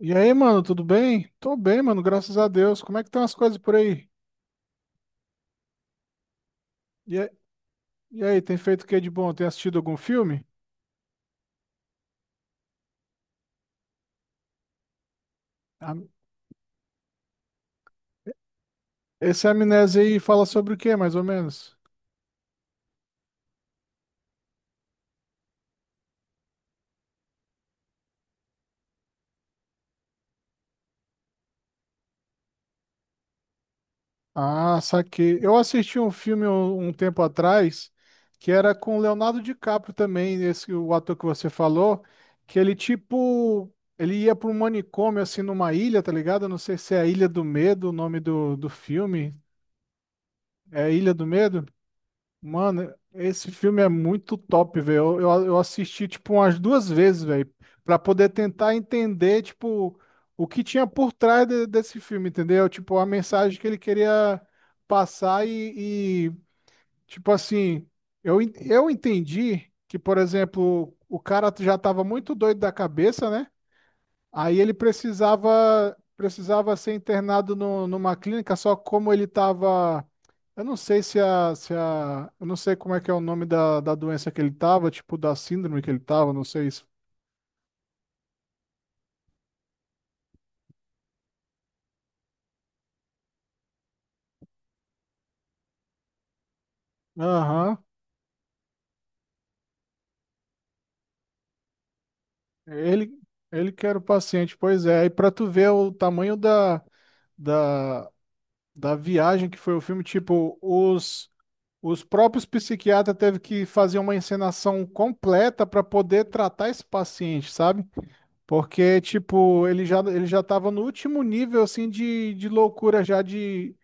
E aí, mano, tudo bem? Tô bem, mano, graças a Deus. Como é que estão as coisas por aí? E, a- e aí, tem feito o que de bom? Tem assistido algum filme? A- Esse Amnésia aí fala sobre o que, mais ou menos? Ah, saquei. Eu assisti um filme um tempo atrás que era com o Leonardo DiCaprio também, esse o ator que você falou, que ele tipo, ele ia para um manicômio assim numa ilha, tá ligado? Eu não sei se é a Ilha do Medo, o nome do filme. É Ilha do Medo? Mano, esse filme é muito top, velho. Eu assisti, tipo, umas duas vezes, velho, pra poder tentar entender, tipo, o que tinha desse filme, entendeu? Tipo, a mensagem que ele queria passar tipo assim, eu entendi que, por exemplo, o cara já tava muito doido da cabeça, né? Aí ele precisava ser internado numa clínica, só como ele estava. Eu não sei se a, se a. Eu não sei como é que é o nome da doença que ele estava, tipo da síndrome que ele estava, não sei se. Aham. Ele, ele que era o paciente, pois é. E para tu ver o tamanho da, da viagem que foi o filme, tipo, os próprios psiquiatras teve que fazer uma encenação completa para poder tratar esse paciente, sabe? Porque, tipo, ele já tava no último nível, assim, de loucura já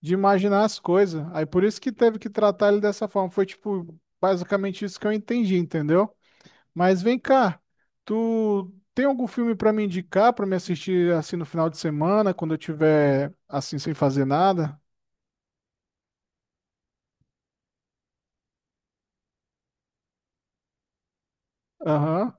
de imaginar as coisas. Aí por isso que teve que tratar ele dessa forma. Foi, tipo, basicamente isso que eu entendi, entendeu? Mas vem cá, tu tem algum filme pra me indicar, pra me assistir, assim, no final de semana, quando eu tiver, assim, sem fazer nada? Aham.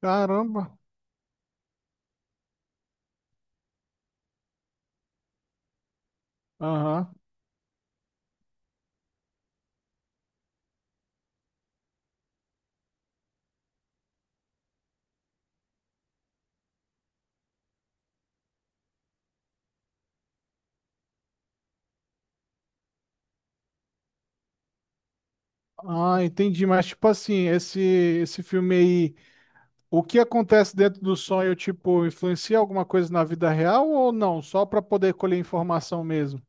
Caramba, aham. Ah, entendi, mas, tipo assim, esse filme aí... O que acontece dentro do sonho, tipo, influencia alguma coisa na vida real ou não? Só para poder colher informação mesmo.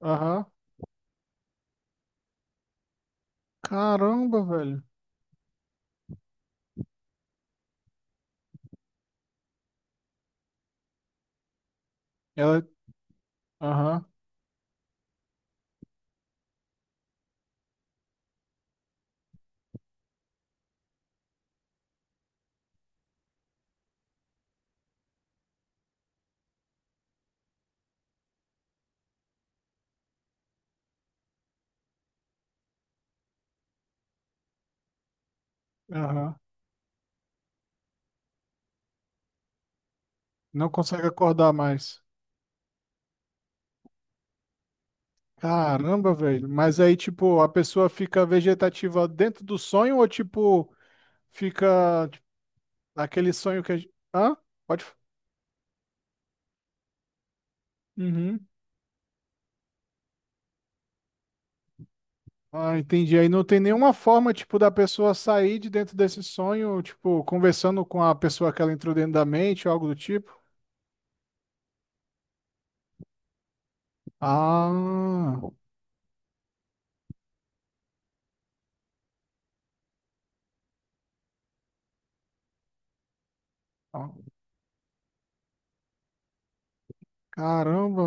Aham. Caramba, velho. Ela. Aham. Aham. Não consegue acordar mais. Caramba, velho. Mas aí, tipo, a pessoa fica vegetativa dentro do sonho ou, tipo, fica tipo, aquele sonho que a gente. Hã? Pode. Uhum. Ah, entendi. Aí não tem nenhuma forma, tipo, da pessoa sair de dentro desse sonho, tipo, conversando com a pessoa que ela entrou dentro da mente, algo do tipo. Ah, caramba.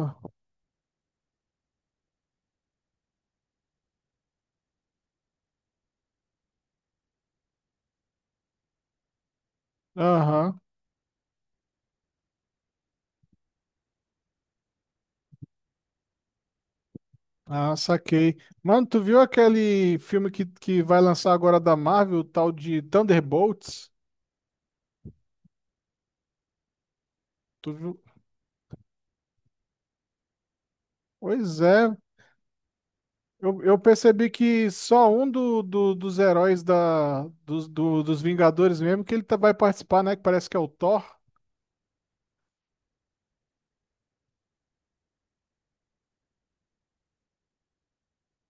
Aham. Ah, saquei. Mano, tu viu aquele filme que vai lançar agora da Marvel, o tal de Thunderbolts? Tu viu? Pois é. Eu percebi que só um dos heróis dos Vingadores mesmo que vai participar, né? Que parece que é o Thor.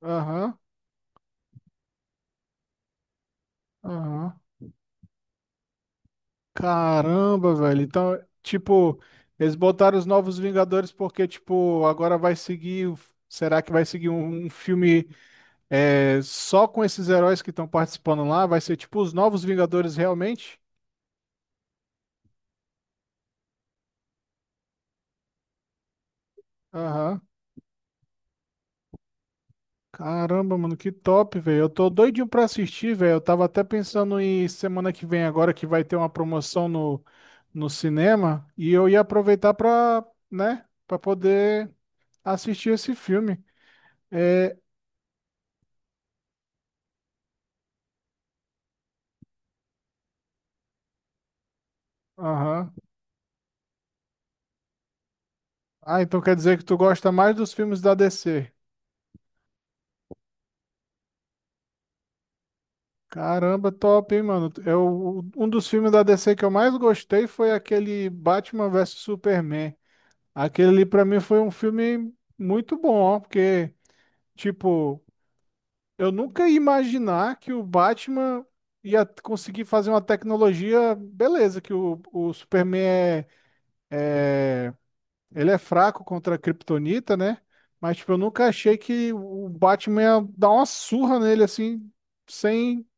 Aham. Aham. Caramba, velho. Então, tipo, eles botaram os Novos Vingadores porque, tipo, agora vai seguir. Será que vai seguir um filme é, só com esses heróis que estão participando lá? Vai ser tipo os Novos Vingadores realmente? Aham. Caramba, mano, que top, velho. Eu tô doidinho pra assistir, velho. Eu tava até pensando em semana que vem agora que vai ter uma promoção no cinema e eu ia aproveitar pra, né, pra poder assistir esse filme. É, aham. Ah, então quer dizer que tu gosta mais dos filmes da DC. Caramba, top, hein, mano? Eu, um dos filmes da DC que eu mais gostei foi aquele Batman versus Superman. Aquele ali pra mim foi um filme muito bom, ó, porque, tipo, eu nunca ia imaginar que o Batman ia conseguir fazer uma tecnologia, beleza, que o Superman é Ele é fraco contra a Kryptonita, né? Mas, tipo, eu nunca achei que o Batman ia dar uma surra nele, assim, sem,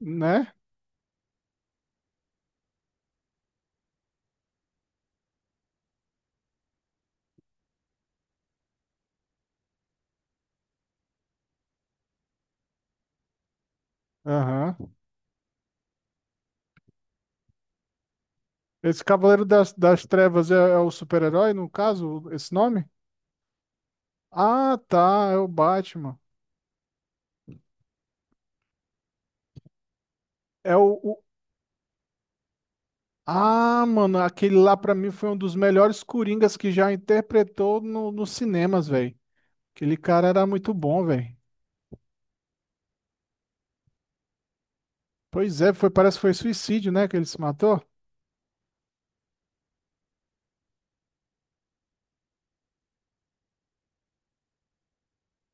né? Aham. Esse Cavaleiro das Trevas é o super-herói, no caso, esse nome? Ah, tá, é o Batman. É o, o- Ah, mano, aquele lá pra mim foi um dos melhores Coringas que já interpretou no, nos cinemas, velho. Aquele cara era muito bom, velho. Pois é, foi, parece que foi suicídio, né, que ele se matou?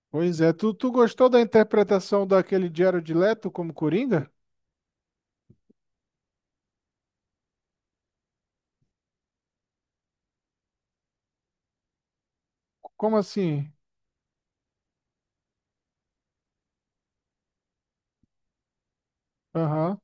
Pois é, tu gostou da interpretação daquele Jared Leto como Coringa? Como assim? Aham.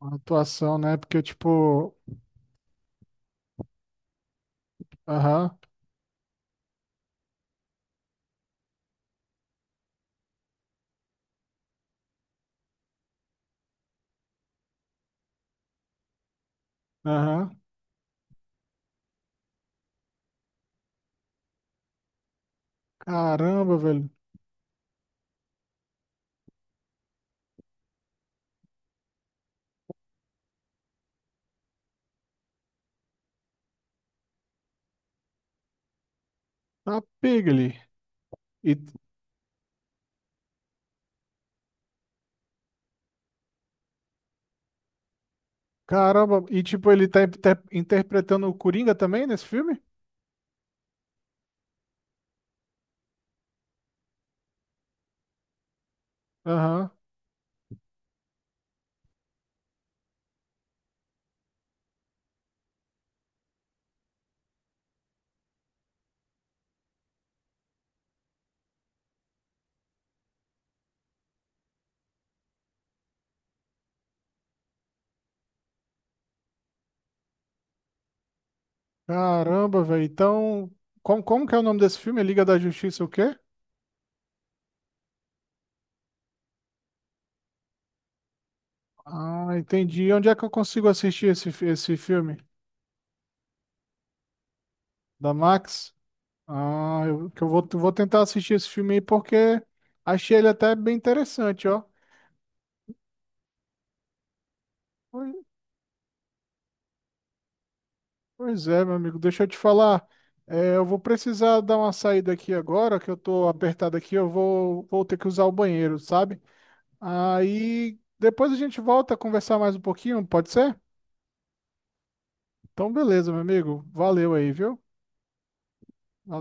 A atuação, né? Porque, tipo, aham, aham, caramba, velho, tá pega ali. E, caramba, e, tipo, interpretando o Coringa também nesse filme? Aham. Caramba, velho, então, como que é o nome desse filme? Liga da Justiça o quê? Ah, entendi. Onde é que eu consigo assistir esse filme? Da Max? Ah, eu, vou tentar assistir esse filme aí porque achei ele até bem interessante, ó. Pois pois é, meu amigo, deixa eu te falar. É, eu vou precisar dar uma saída aqui agora, que eu tô apertado aqui, vou ter que usar o banheiro, sabe? Aí depois a gente volta a conversar mais um pouquinho, pode ser? Então, beleza, meu amigo. Valeu aí, viu?